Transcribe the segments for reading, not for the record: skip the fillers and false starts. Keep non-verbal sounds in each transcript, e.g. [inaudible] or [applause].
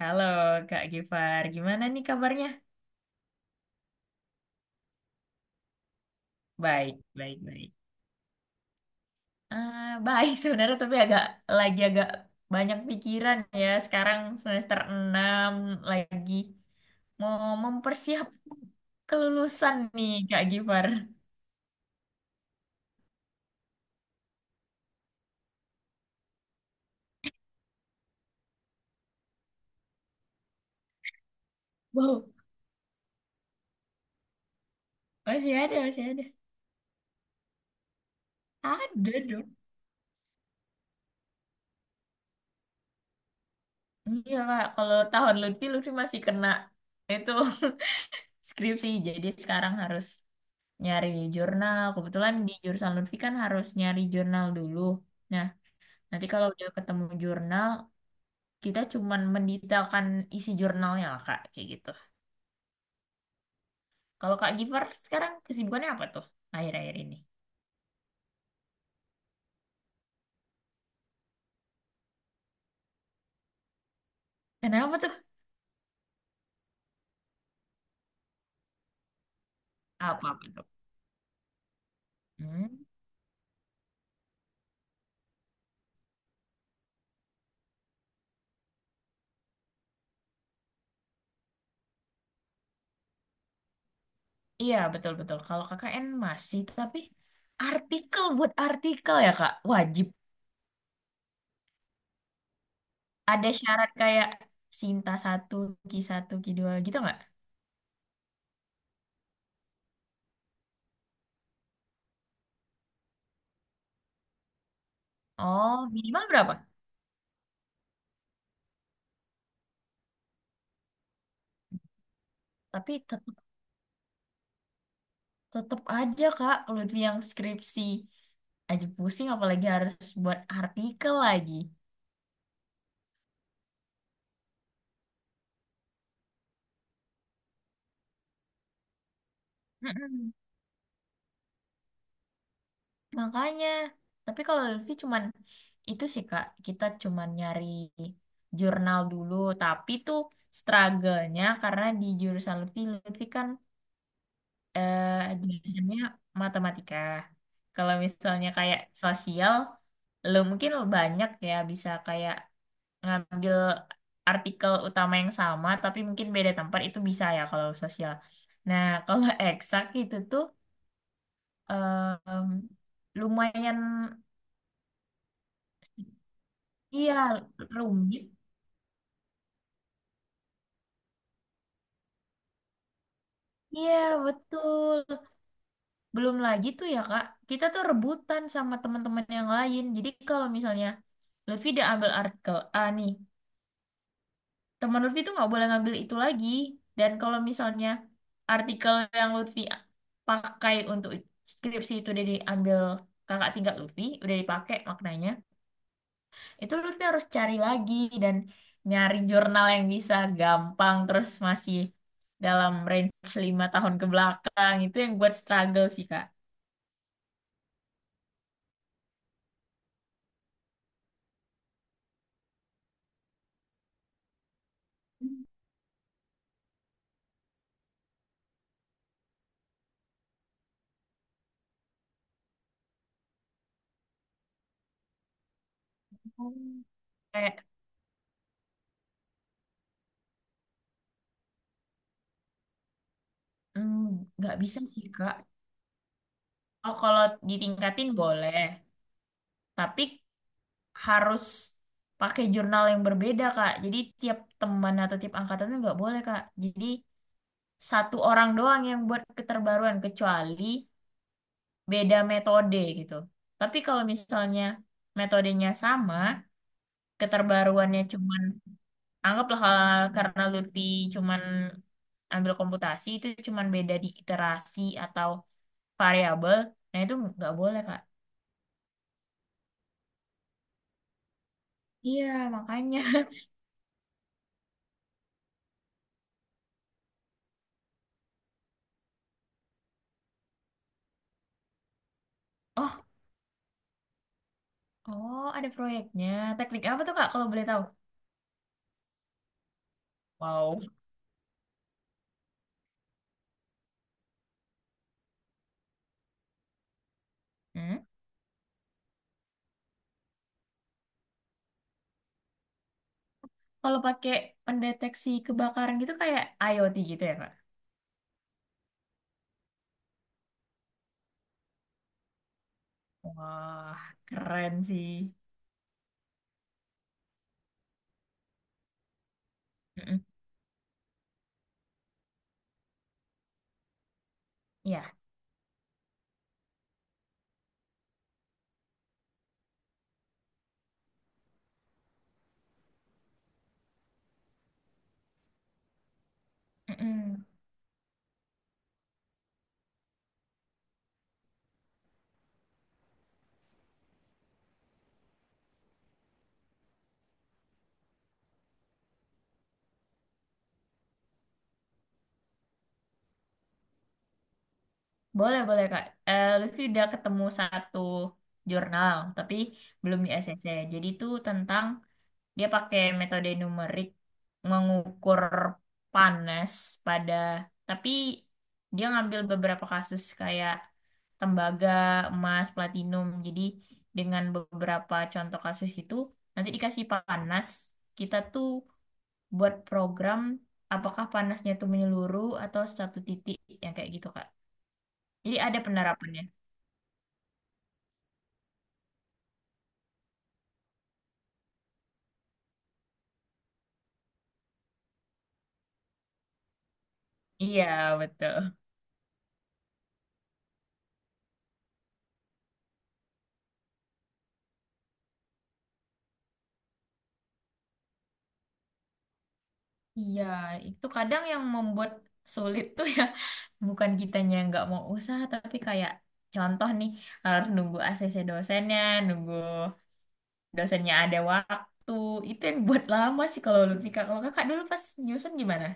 Halo Kak Gifar, gimana nih kabarnya? Baik, baik, baik. Ah, baik sebenarnya tapi agak lagi agak banyak pikiran ya. Sekarang semester 6 lagi mau mempersiapkan kelulusan nih Kak Gifar. Wow, masih ada, masih ada. Ada dong. Iya Kak, kalau tahun Lutfi, Lutfi masih kena itu [laughs] skripsi. Jadi sekarang harus nyari jurnal. Kebetulan di jurusan Lutfi kan harus nyari jurnal dulu. Nah, nanti kalau udah ketemu jurnal, kita cuman mendetailkan isi jurnalnya lah, Kak. Kayak gitu. Kalau Kak Giver sekarang kesibukannya apa tuh akhir-akhir ini? Kenapa tuh? Apa-apa tuh? Hmm, iya, betul-betul. Kalau KKN masih, tapi artikel buat artikel ya, Kak. Wajib. Ada syarat kayak Sinta satu ki dua gitu nggak? Oh, minimal berapa? Tapi tetep, tetep aja, Kak. Kalau yang skripsi aja pusing apalagi harus buat artikel lagi. Mm-mm. Makanya, tapi kalau Lutfi cuman itu sih Kak, kita cuman nyari jurnal dulu, tapi tuh struggle-nya karena di jurusan Lutfi kan eh, jurusannya matematika. Kalau misalnya kayak sosial, lo mungkin banyak ya bisa kayak ngambil artikel utama yang sama, tapi mungkin beda tempat itu bisa ya kalau sosial. Nah, kalau [laughs] eksak itu tuh em, lumayan. Iya, rumit. Iya, betul. Belum lagi tuh ya, Kak. Kita tuh rebutan sama teman-teman yang lain. Jadi kalau misalnya Lutfi udah ambil artikel A nih, teman Lutfi tuh nggak boleh ngambil itu lagi. Dan kalau misalnya artikel yang Lutfi pakai untuk skripsi itu udah diambil kakak tingkat Lutfi, udah dipakai maknanya, itu Lutfi harus cari lagi dan nyari jurnal yang bisa gampang terus masih dalam range 5 tahun ke belakang itu yang buat struggle sih Kak. Hmm. Kayak mm, nggak bisa sih Kak. Oh kalau ditingkatin boleh, tapi harus pakai jurnal yang berbeda Kak. Jadi tiap teman atau tiap angkatan itu nggak boleh Kak. Jadi satu orang doang yang buat keterbaruan kecuali beda metode gitu. Tapi kalau misalnya metodenya sama, keterbaruannya cuman anggaplah kalau karena Lutfi cuman ambil komputasi itu cuman beda di iterasi atau variabel. Nah, itu nggak boleh, Kak. Iya, makanya. [laughs] Oh, oh, ada proyeknya. Teknik apa tuh, Kak, kalau boleh tahu? Wow. Hmm? Kalau pakai pendeteksi kebakaran gitu kayak IoT gitu ya, Kak? Wah, keren sih. Mm-mm. Iya. Mm-mm. Boleh, boleh Kak. Eh, Lutfi udah ketemu satu jurnal, tapi belum di ACC. Jadi itu tentang dia pakai metode numerik mengukur panas pada, tapi dia ngambil beberapa kasus kayak tembaga, emas, platinum. Jadi dengan beberapa contoh kasus itu, nanti dikasih panas, kita tuh buat program apakah panasnya tuh menyeluruh atau satu titik, yang kayak gitu Kak. Jadi ada penerapannya. Iya, betul. Iya, itu kadang yang membuat sulit tuh ya, bukan kitanya yang nggak mau usaha, tapi kayak contoh nih, harus nunggu ACC dosennya, nunggu dosennya ada waktu, itu yang buat lama sih kalau lu nikah. Kalau kakak dulu pas nyusun gimana?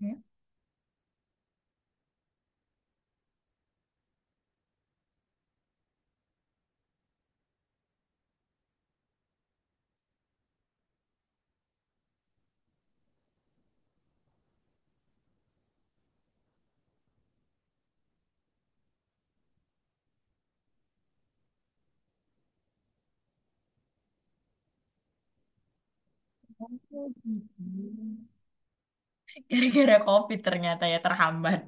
Ya. Oh, gitu. Gara-gara COVID ternyata ya terhambat.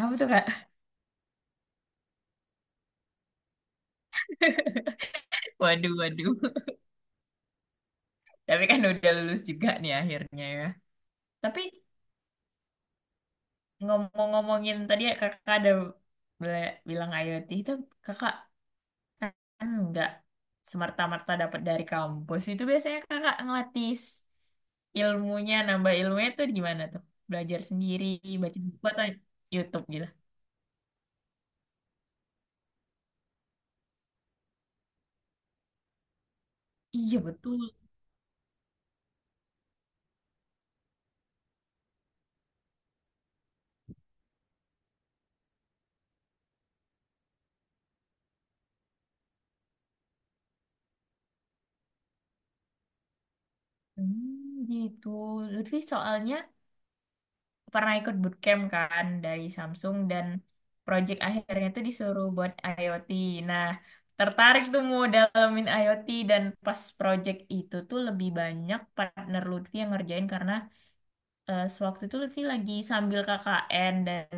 Apa tuh, Kak? [laughs] Waduh, waduh. Tapi kan udah lulus juga nih akhirnya ya. Tapi, ngomong-ngomongin tadi ya kakak ada bilang IoT itu kakak kan nggak semerta-merta dapat dari kampus. Itu biasanya kakak ngelatih ilmunya, nambah ilmunya tuh gimana tuh? Belajar sendiri, baca buku atau YouTube gitu? Iya betul. Hmm, gitu. Lutfi soalnya pernah ikut bootcamp kan dari Samsung dan project akhirnya tuh disuruh buat IoT. Nah, tertarik tuh mau dalamin IoT dan pas project itu tuh lebih banyak partner Lutfi yang ngerjain karena sewaktu itu Lutfi lagi sambil KKN dan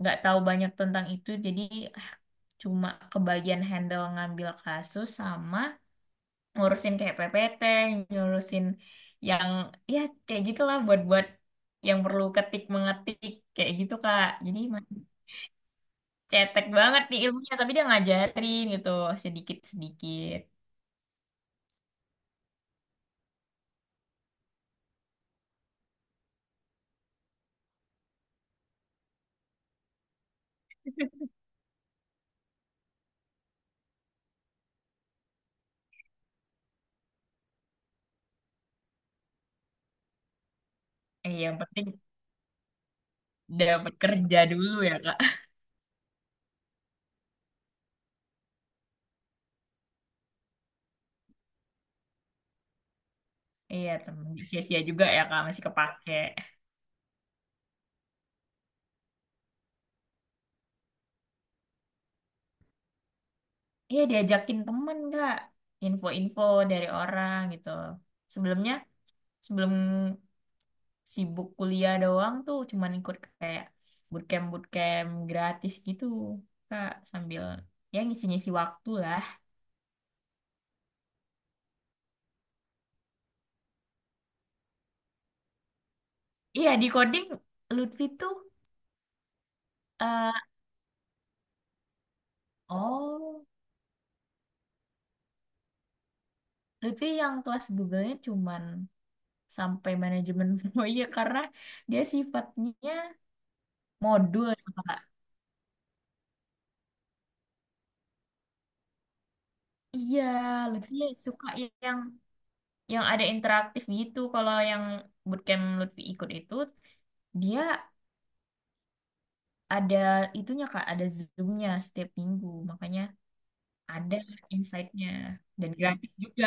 nggak tahu banyak tentang itu jadi eh, cuma kebagian handle ngambil kasus sama ngurusin kayak PPT, ngurusin yang ya kayak gitulah buat-buat yang perlu ketik mengetik kayak gitu Kak. Jadi masih cetek banget nih ilmunya, tapi dia ngajarin gitu sedikit-sedikit. Eh, yang penting dapat kerja dulu ya Kak. Iya temen. Nggak sia-sia juga ya Kak, masih kepake. Iya diajakin temen Kak, info-info dari orang gitu. Sebelumnya, sebelum sibuk kuliah doang tuh cuman ikut kayak bootcamp bootcamp gratis gitu Kak, sambil ya ngisi-ngisi waktu lah. Iya di coding Lutfi tuh eh, oh, Lutfi yang kelas Google-nya cuman sampai manajemen [laughs] proyek karena dia sifatnya modul ya, Kak. Iya, Lutfi suka yang yang ada interaktif gitu kalau yang bootcamp Lutfi ikut itu dia ada itunya Kak, ada Zoom-nya setiap minggu. Makanya ada insight-nya dan gratis juga.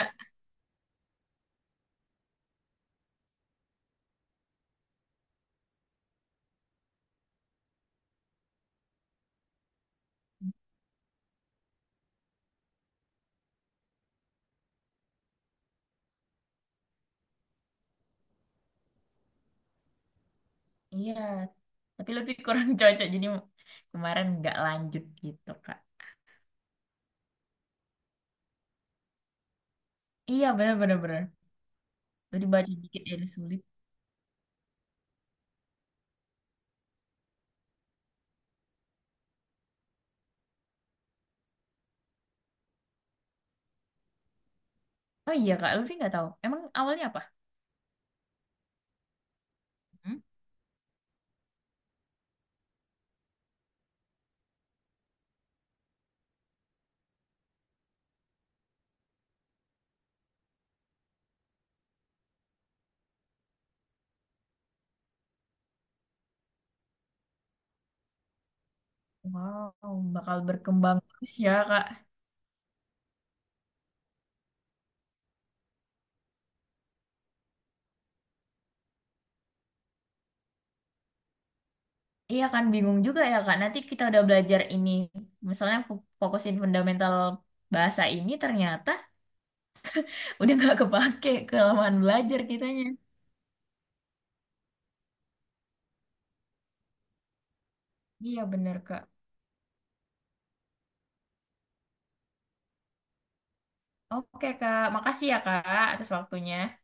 Iya, tapi lebih kurang [laughs] cocok. Jadi kemarin nggak lanjut gitu Kak. Iya bener-bener. Bener, bener, bener. Jadi baca dikit dari sulit. Oh iya Kak, Luffy nggak tahu. Emang awalnya apa? Hmm? Wow, bakal berkembang terus ya Kak. Iya kan bingung juga ya Kak. Nanti kita udah belajar ini. Misalnya fokusin fundamental bahasa ini ternyata [laughs] udah nggak kepake kelamaan belajar kitanya. Iya bener Kak. Oke Kak, makasih ya Kak atas waktunya.